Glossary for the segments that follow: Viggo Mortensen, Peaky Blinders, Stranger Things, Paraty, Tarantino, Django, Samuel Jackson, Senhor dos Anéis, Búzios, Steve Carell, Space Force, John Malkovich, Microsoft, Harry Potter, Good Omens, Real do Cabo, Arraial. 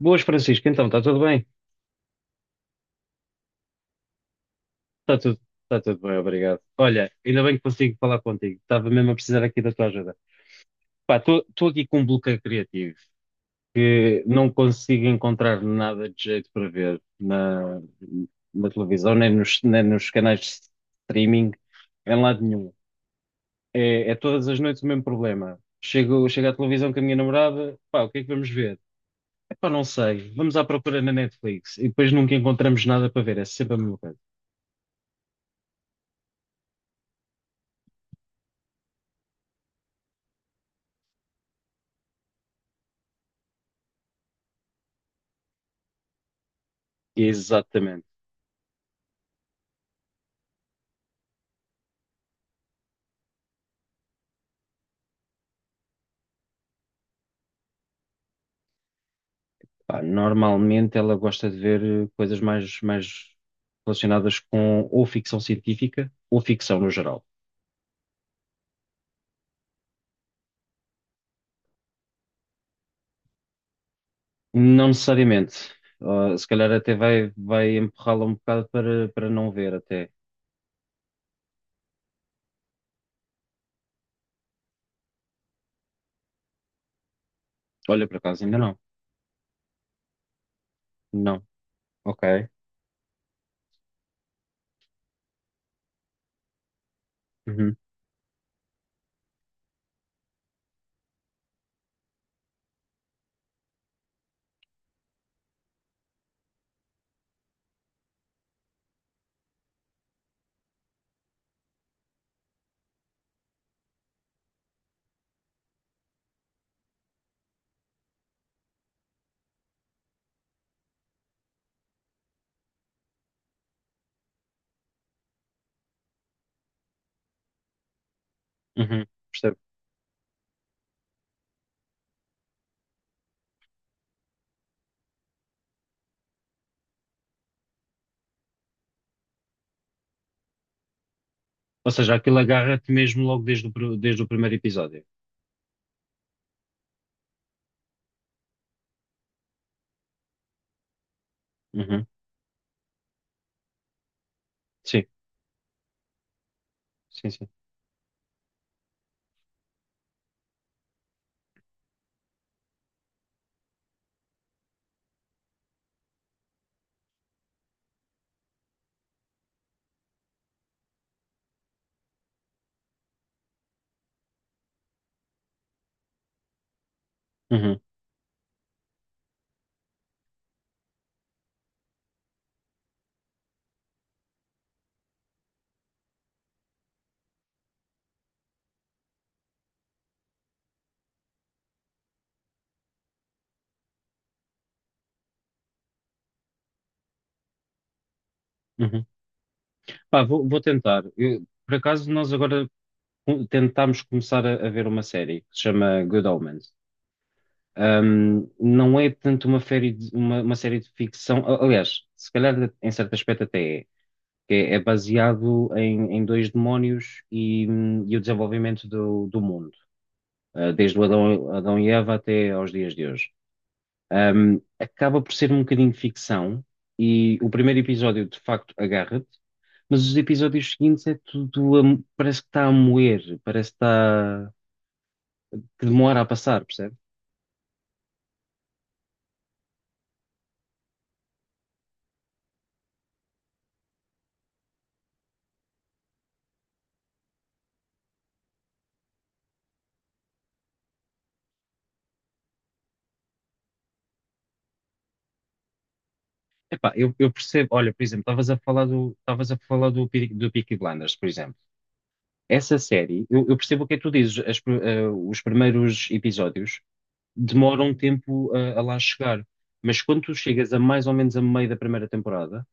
Boas, Francisco. Então, está tudo bem? Está tudo bem, obrigado. Olha, ainda bem que consigo falar contigo. Estava mesmo a precisar aqui da tua ajuda. Pá, estou aqui com um bloqueio criativo que não consigo encontrar nada de jeito para ver na televisão, nem nos canais de streaming, em lado nenhum. É todas as noites o mesmo problema. Chego à televisão com a minha namorada, pá, o que é que vamos ver? Epá, não sei. Vamos à procura na Netflix e depois nunca encontramos nada para ver. É sempre a mesma coisa. Exatamente. Pá, normalmente ela gosta de ver coisas mais relacionadas com ou ficção científica ou ficção no geral. Não necessariamente. Ah, se calhar até vai empurrá-la um bocado para não ver até. Olha, por acaso, ainda não. Não. Ok. Uhum. Uhum. Percebo. Ou seja, aquilo agarra-te mesmo logo desde o, desde o primeiro episódio. Uhum. Sim, sim, sim. Uhum. Uhum. Pá, vou tentar. Por acaso, nós agora tentámos começar a ver uma série que se chama Good Omens. Não é tanto série de uma série de ficção. Aliás, se calhar em certo aspecto até é, é baseado em dois demónios e o desenvolvimento do mundo, desde o Adão e Eva até aos dias de hoje. Acaba por ser um bocadinho de ficção e o primeiro episódio de facto agarra-te, mas os episódios seguintes é tudo, parece que está a moer, parece que está, que demora a passar, percebes? Epá, eu percebo, olha, por exemplo, estavas a falar do, estavas a falar do do Peaky Blinders, por exemplo. Essa série, eu percebo o que é que tu dizes, os primeiros episódios demoram um tempo a lá chegar, mas quando tu chegas a mais ou menos a meio da primeira temporada,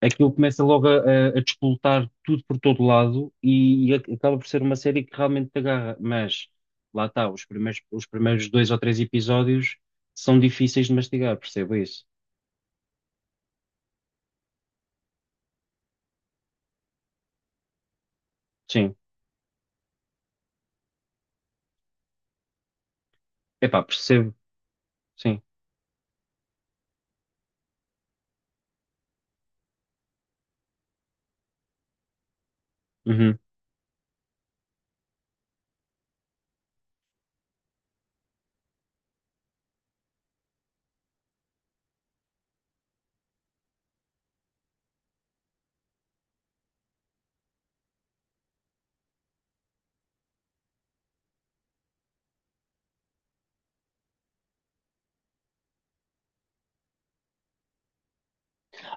aquilo começa logo a despoletar tudo por todo lado e acaba por ser uma série que realmente te agarra, mas lá está, os primeiros dois ou três episódios são difíceis de mastigar, percebo isso. Sim, epá, percebo, sim. Uhum.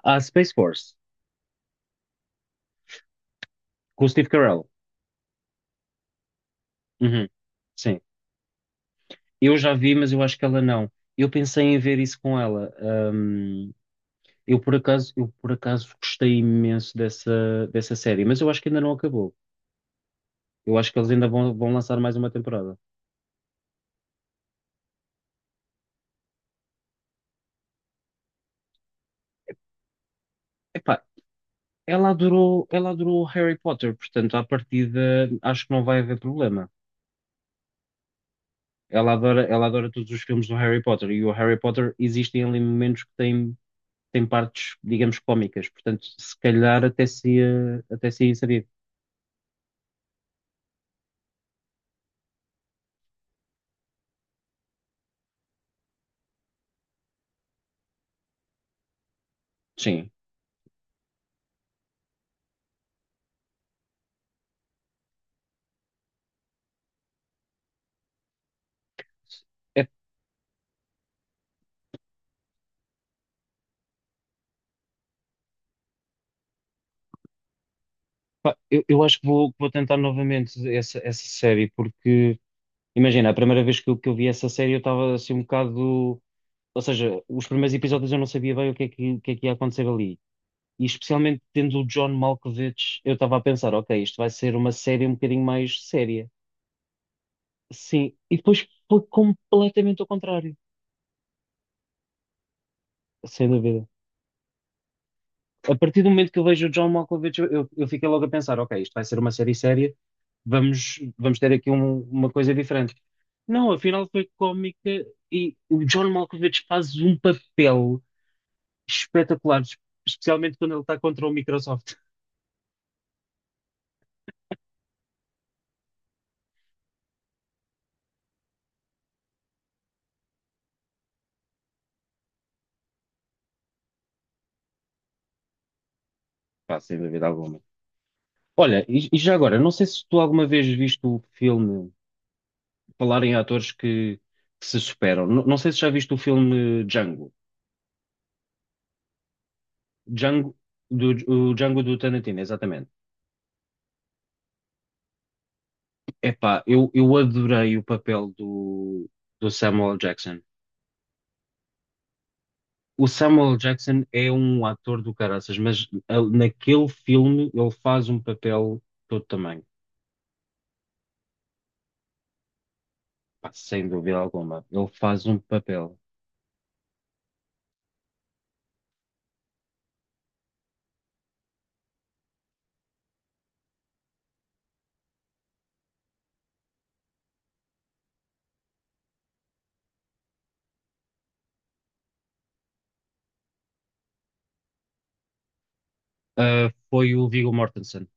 Ah, Space Force, com o Steve Carell. Uhum. Sim. Eu já vi, mas eu acho que ela não. Eu pensei em ver isso com ela. Eu por acaso, eu por acaso gostei imenso dessa série, mas eu acho que ainda não acabou. Eu acho que eles ainda vão lançar mais uma temporada. Epá, ela adorou Harry Potter, portanto, à partida, acho que não vai haver problema. Ela adora todos os filmes do Harry Potter e o Harry Potter existem ali momentos que têm tem partes, digamos, cómicas, portanto, se calhar até se ia saber. Sim. Epá, eu acho que vou tentar novamente essa série, porque imagina, a primeira vez que que eu vi essa série eu estava assim um bocado. Ou seja, os primeiros episódios eu não sabia bem o que é o que é que ia acontecer ali. E especialmente tendo o John Malkovich, eu estava a pensar, ok, isto vai ser uma série um bocadinho mais séria. Sim, e depois foi completamente ao contrário, sem dúvida. A partir do momento que eu vejo o John Malkovich, eu fiquei logo a pensar, ok, isto vai ser uma série séria, vamos ter aqui uma coisa diferente. Não, afinal foi cómica e o John Malkovich faz um papel espetacular, especialmente quando ele está contra o Microsoft. Pá, sem dúvida alguma. Olha, e já agora, não sei se tu alguma vez viste o filme, falar em atores que se superam, não sei se já viste o filme Django, Django do, o Django do Tarantino, exatamente. Epá, eu adorei o papel do Samuel Jackson. O Samuel Jackson é um ator do caraças, mas naquele filme ele faz um papel todo tamanho. Pá, sem dúvida alguma. Ele faz um papel. Ah, foi o Viggo Mortensen.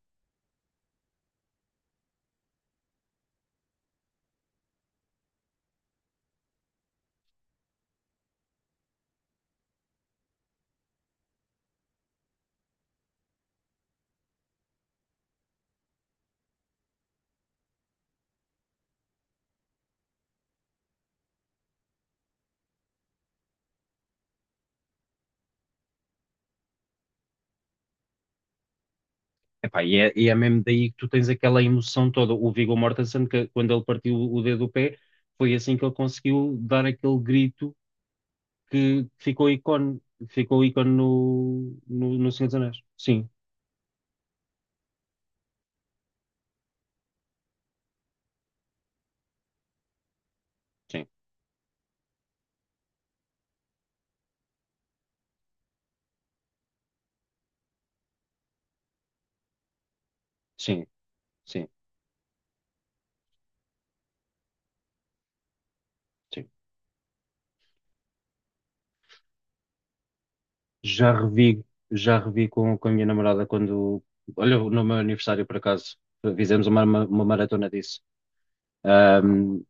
Epá, e é mesmo daí que tu tens aquela emoção toda. O Viggo Mortensen, que quando ele partiu o dedo do pé, foi assim que ele conseguiu dar aquele grito que ficou ícone no Senhor dos Anéis. Sim. Sim. Sim, sim, sim. Já revi, já revi com a minha namorada quando. Olha, no meu aniversário, por acaso, fizemos uma maratona disso. Ahm,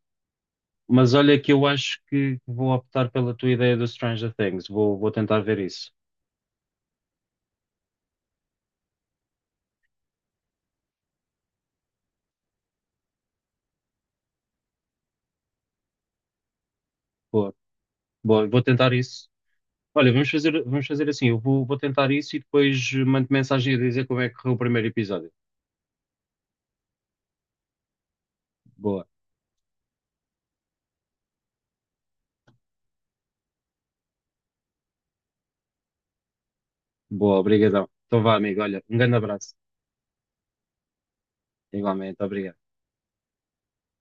mas olha que eu acho que vou optar pela tua ideia do Stranger Things. Vou tentar ver isso. Boa, Boa, vou tentar isso. Olha, vamos fazer assim. Vou tentar isso e depois mando mensagem a dizer como é que correu o primeiro episódio. Boa, Boa, obrigadão. Então vá, amigo. Olha, um grande abraço. Igualmente, obrigado.